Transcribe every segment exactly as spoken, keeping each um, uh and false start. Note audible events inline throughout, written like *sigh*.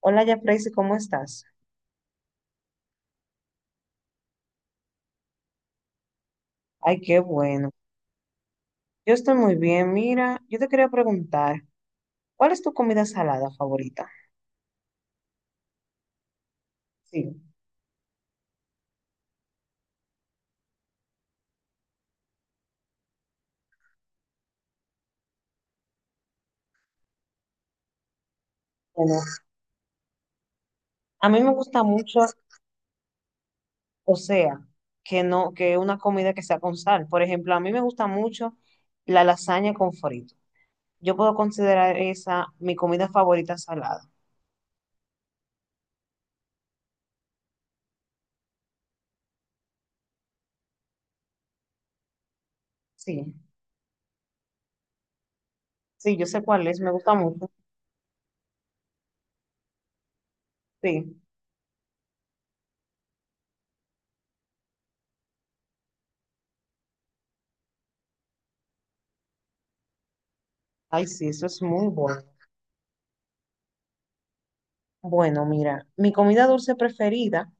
Hola, ya Tracy, ¿cómo estás? Ay, qué bueno. Yo estoy muy bien. Mira, yo te quería preguntar, ¿cuál es tu comida salada favorita? Sí, bueno, a mí me gusta mucho, o sea, que no, que una comida que sea con sal. Por ejemplo, a mí me gusta mucho la lasaña con frito. Yo puedo considerar esa mi comida favorita salada. Sí, sí, yo sé cuál es, me gusta mucho. Sí, ay, sí, eso es muy bueno. Bueno, mira, mi comida dulce preferida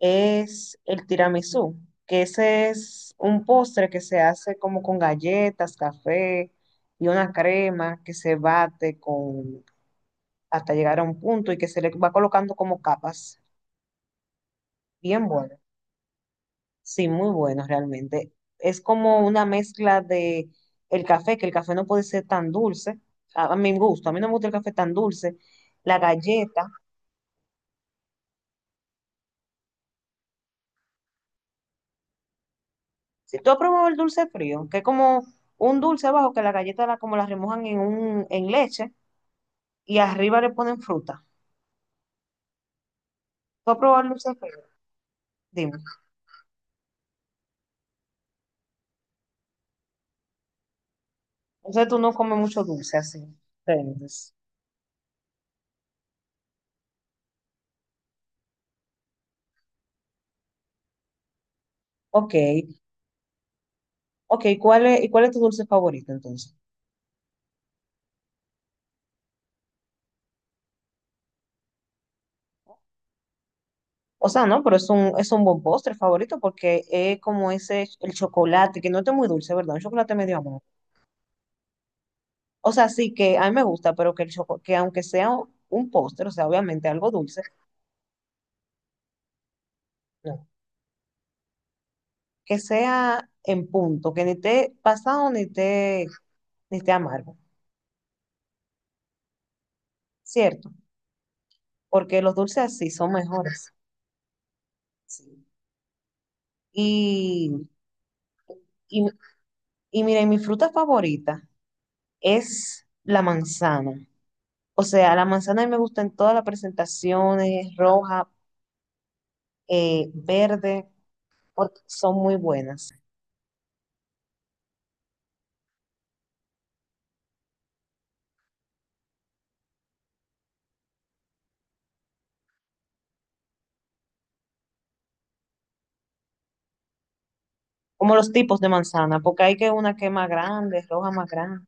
es el tiramisú, que ese es un postre que se hace como con galletas, café y una crema que se bate con hasta llegar a un punto y que se le va colocando como capas. Bien bueno. Sí, muy bueno realmente. Es como una mezcla de el café, que el café no puede ser tan dulce. A, a mi gusto, a mí no me gusta el café tan dulce. La galleta. Si tú has probado el dulce frío, que es como un dulce bajo que la galleta la, como la remojan en un en leche y arriba le ponen fruta. ¿Tú has probado el dulce de fresa? Dime. Entonces tú no comes mucho dulce así. Entonces, ok, ok. ¿Cuál es, y cuál es tu dulce favorito entonces? O sea, no, pero es un, es un buen postre favorito porque es como ese, el chocolate, que no es muy dulce, ¿verdad? Un chocolate medio amargo. O sea, sí que a mí me gusta, pero que, el choco- que aunque sea un postre, o sea, obviamente algo dulce, no. Que sea en punto, que ni esté pasado ni esté, ni esté amargo, ¿cierto? Porque los dulces así son mejores. Sí. Y, y, y mira, y mi fruta favorita es la manzana. O sea, la manzana a mí me gusta en todas las presentaciones, roja, eh, verde, porque son muy buenas. Como los tipos de manzana, porque hay que una que es más grande, roja más grande.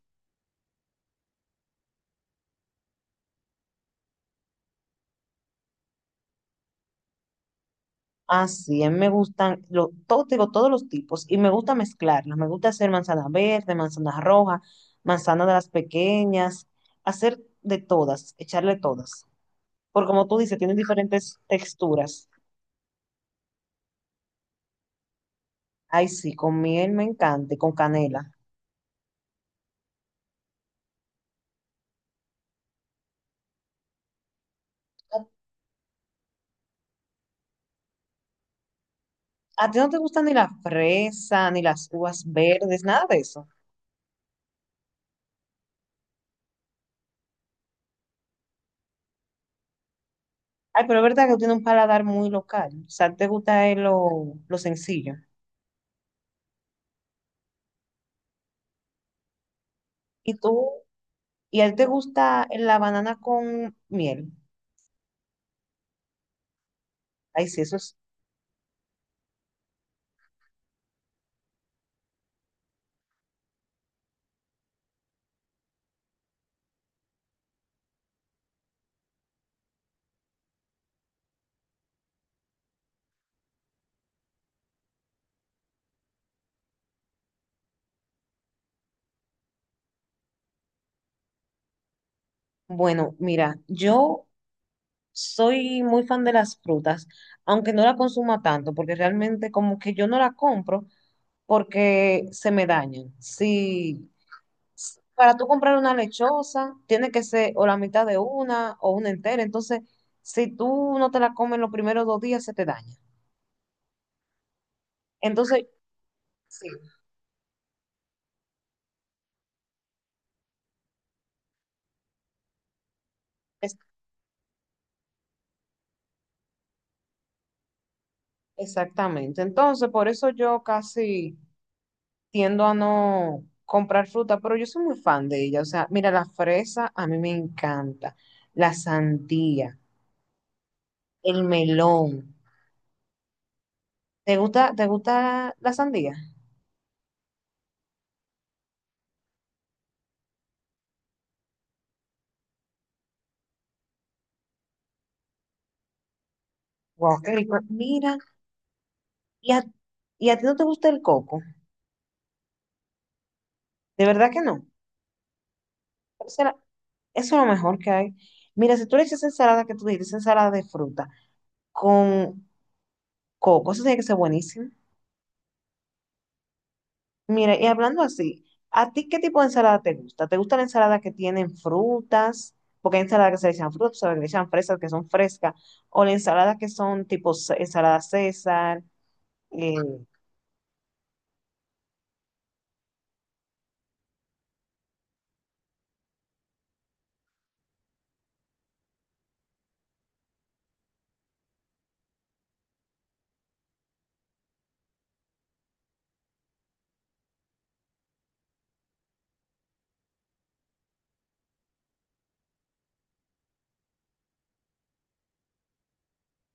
Así, a mí me gustan, lo, todo, te digo, todos los tipos, y me gusta mezclarlas. Me gusta hacer manzana verde, manzana roja, manzana de las pequeñas, hacer de todas, echarle todas. Porque como tú dices, tienen diferentes texturas. Ay, sí, con miel me encanta y con canela. ¿A ti no te gusta ni la fresa, ni las uvas verdes, nada de eso? Ay, pero es verdad que tiene un paladar muy local. O sea, te gusta es lo, lo sencillo. ¿Y tú? ¿Y a ti te gusta la banana con miel? Ay, sí, eso es bueno. Mira, yo soy muy fan de las frutas, aunque no la consuma tanto, porque realmente como que yo no la compro porque se me dañan. Sí, para tú comprar una lechosa, tiene que ser o la mitad de una o una entera. Entonces, si tú no te la comes los primeros dos días, se te daña. Entonces, sí, es- exactamente. Entonces, por eso yo casi tiendo a no comprar fruta, pero yo soy muy fan de ella. O sea, mira, la fresa a mí me encanta. La sandía, el melón. ¿Te gusta, te gusta la sandía? Wow, qué rico. Mira, ¿y a, y a ti no te gusta el coco? De verdad que no. Eso es lo mejor que hay. Mira, si tú le echas ensalada, que tú dices esa ensalada de fruta con coco, eso tiene que ser buenísimo. Mira, y hablando así, ¿a ti qué tipo de ensalada te gusta? ¿Te gusta la ensalada que tienen frutas? Porque hay ensaladas que se le echan frutas, se le echan fresas que son frescas, o la ensalada que son tipo ce- ensalada César. Eh,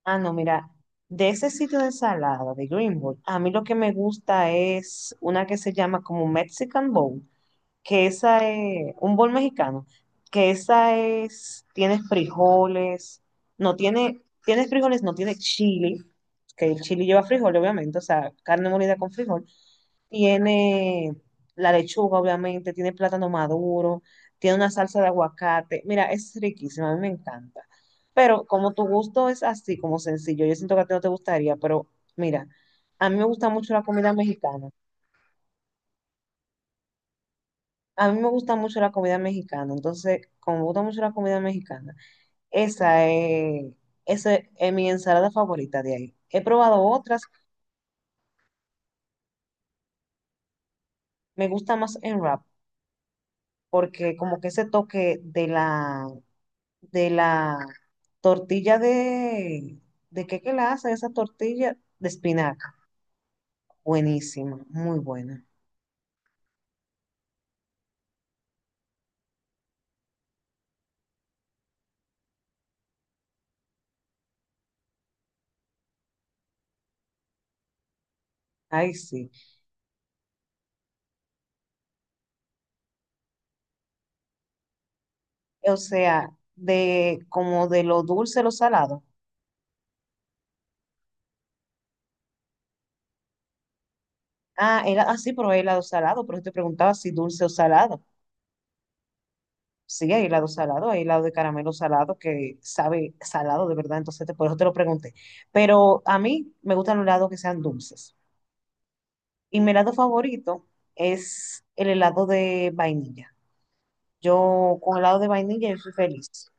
ah, no, mira, de ese sitio de ensalada de Greenwood, a mí lo que me gusta es una que se llama como Mexican Bowl, que esa es un bol mexicano, que esa es, tienes frijoles, no tiene, tienes frijoles, no tiene chile, que el chile lleva frijol, obviamente, o sea, carne molida con frijol, tiene la lechuga, obviamente, tiene plátano maduro, tiene una salsa de aguacate, mira, es riquísima, a mí me encanta. Pero como tu gusto es así, como sencillo, yo siento que a ti no te gustaría, pero mira, a mí me gusta mucho la comida mexicana. A mí me gusta mucho la comida mexicana, entonces, como me gusta mucho la comida mexicana, esa es, esa es mi ensalada favorita de ahí. He probado otras, me gusta más en wrap, porque como que ese toque de la, de la, tortilla de, ¿de qué que la hacen? Esa tortilla de espinaca, buenísima, muy buena. Ay, sí. O sea, de como de lo dulce, lo salado. Ah, era así, probé helado salado, pero yo te preguntaba si dulce o salado. Sí, hay helado salado, hay helado de caramelo salado que sabe salado de verdad, entonces te- por eso te lo pregunté. Pero a mí me gustan los helados que sean dulces. Y mi helado favorito es el helado de vainilla. Yo con helado de vainilla yo soy feliz.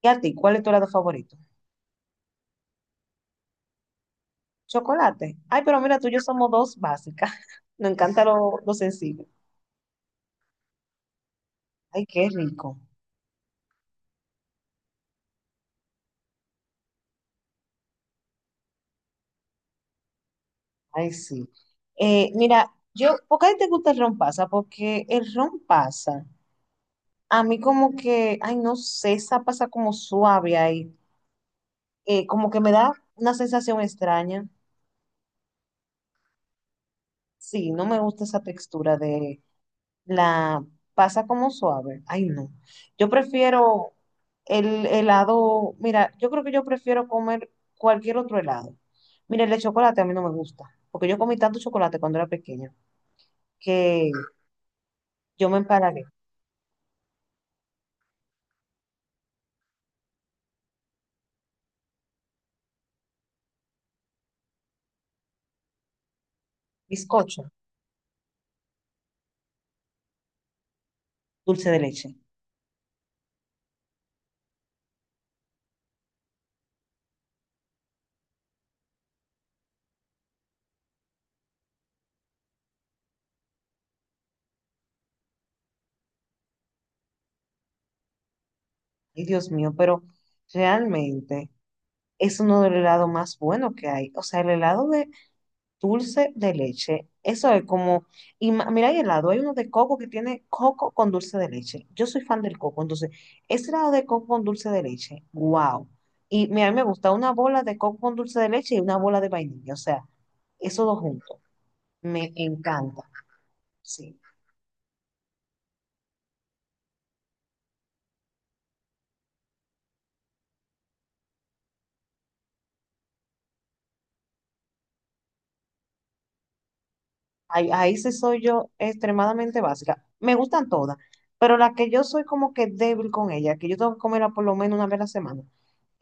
¿Y a ti? ¿Cuál es tu helado favorito? Chocolate. Ay, pero mira, tú y yo somos dos básicas. *laughs* Nos encanta lo, lo sencillo. Ay, qué rico. Ay, sí. Eh, mira, yo, ¿por qué a ti te gusta el ron pasa? Porque el ron pasa. A mí como que, ay, no sé, esa pasa como suave ahí. Eh, como que me da una sensación extraña. Sí, no me gusta esa textura de la pasa como suave. Ay, no. Yo prefiero el helado, mira, yo creo que yo prefiero comer cualquier otro helado. Mira, el de chocolate a mí no me gusta, porque yo comí tanto chocolate cuando era pequeña que yo me empalagué. Bizcocho, dulce de leche. Ay, Dios mío, pero realmente es uno del helado más bueno que hay. O sea, el helado de dulce de leche, eso es como, y ma- mira, hay helado, hay uno de coco que tiene coco con dulce de leche. Yo soy fan del coco, entonces, ese helado de coco con dulce de leche, wow. Y mira, a mí me gusta una bola de coco con dulce de leche y una bola de vainilla, o sea, esos dos juntos, me encanta. Sí, ahí, ahí sí soy yo extremadamente básica. Me gustan todas, pero la que yo soy como que débil con ella, que yo tengo que comerla por lo menos una vez a la semana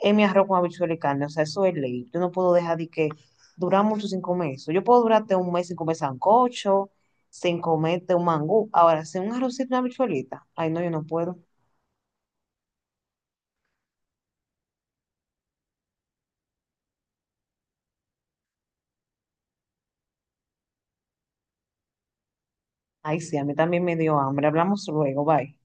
es mi arroz con habichuela y carne, o sea, eso es ley. Yo no puedo dejar de que durar mucho sin comer eso. Yo puedo durarte un mes sin comer sancocho, sin comerte un mangú. Ahora, sin un arrocito y una habichuelita, ay, no, yo no puedo. Ay, sí, a mí también me dio hambre. Hablamos luego, bye.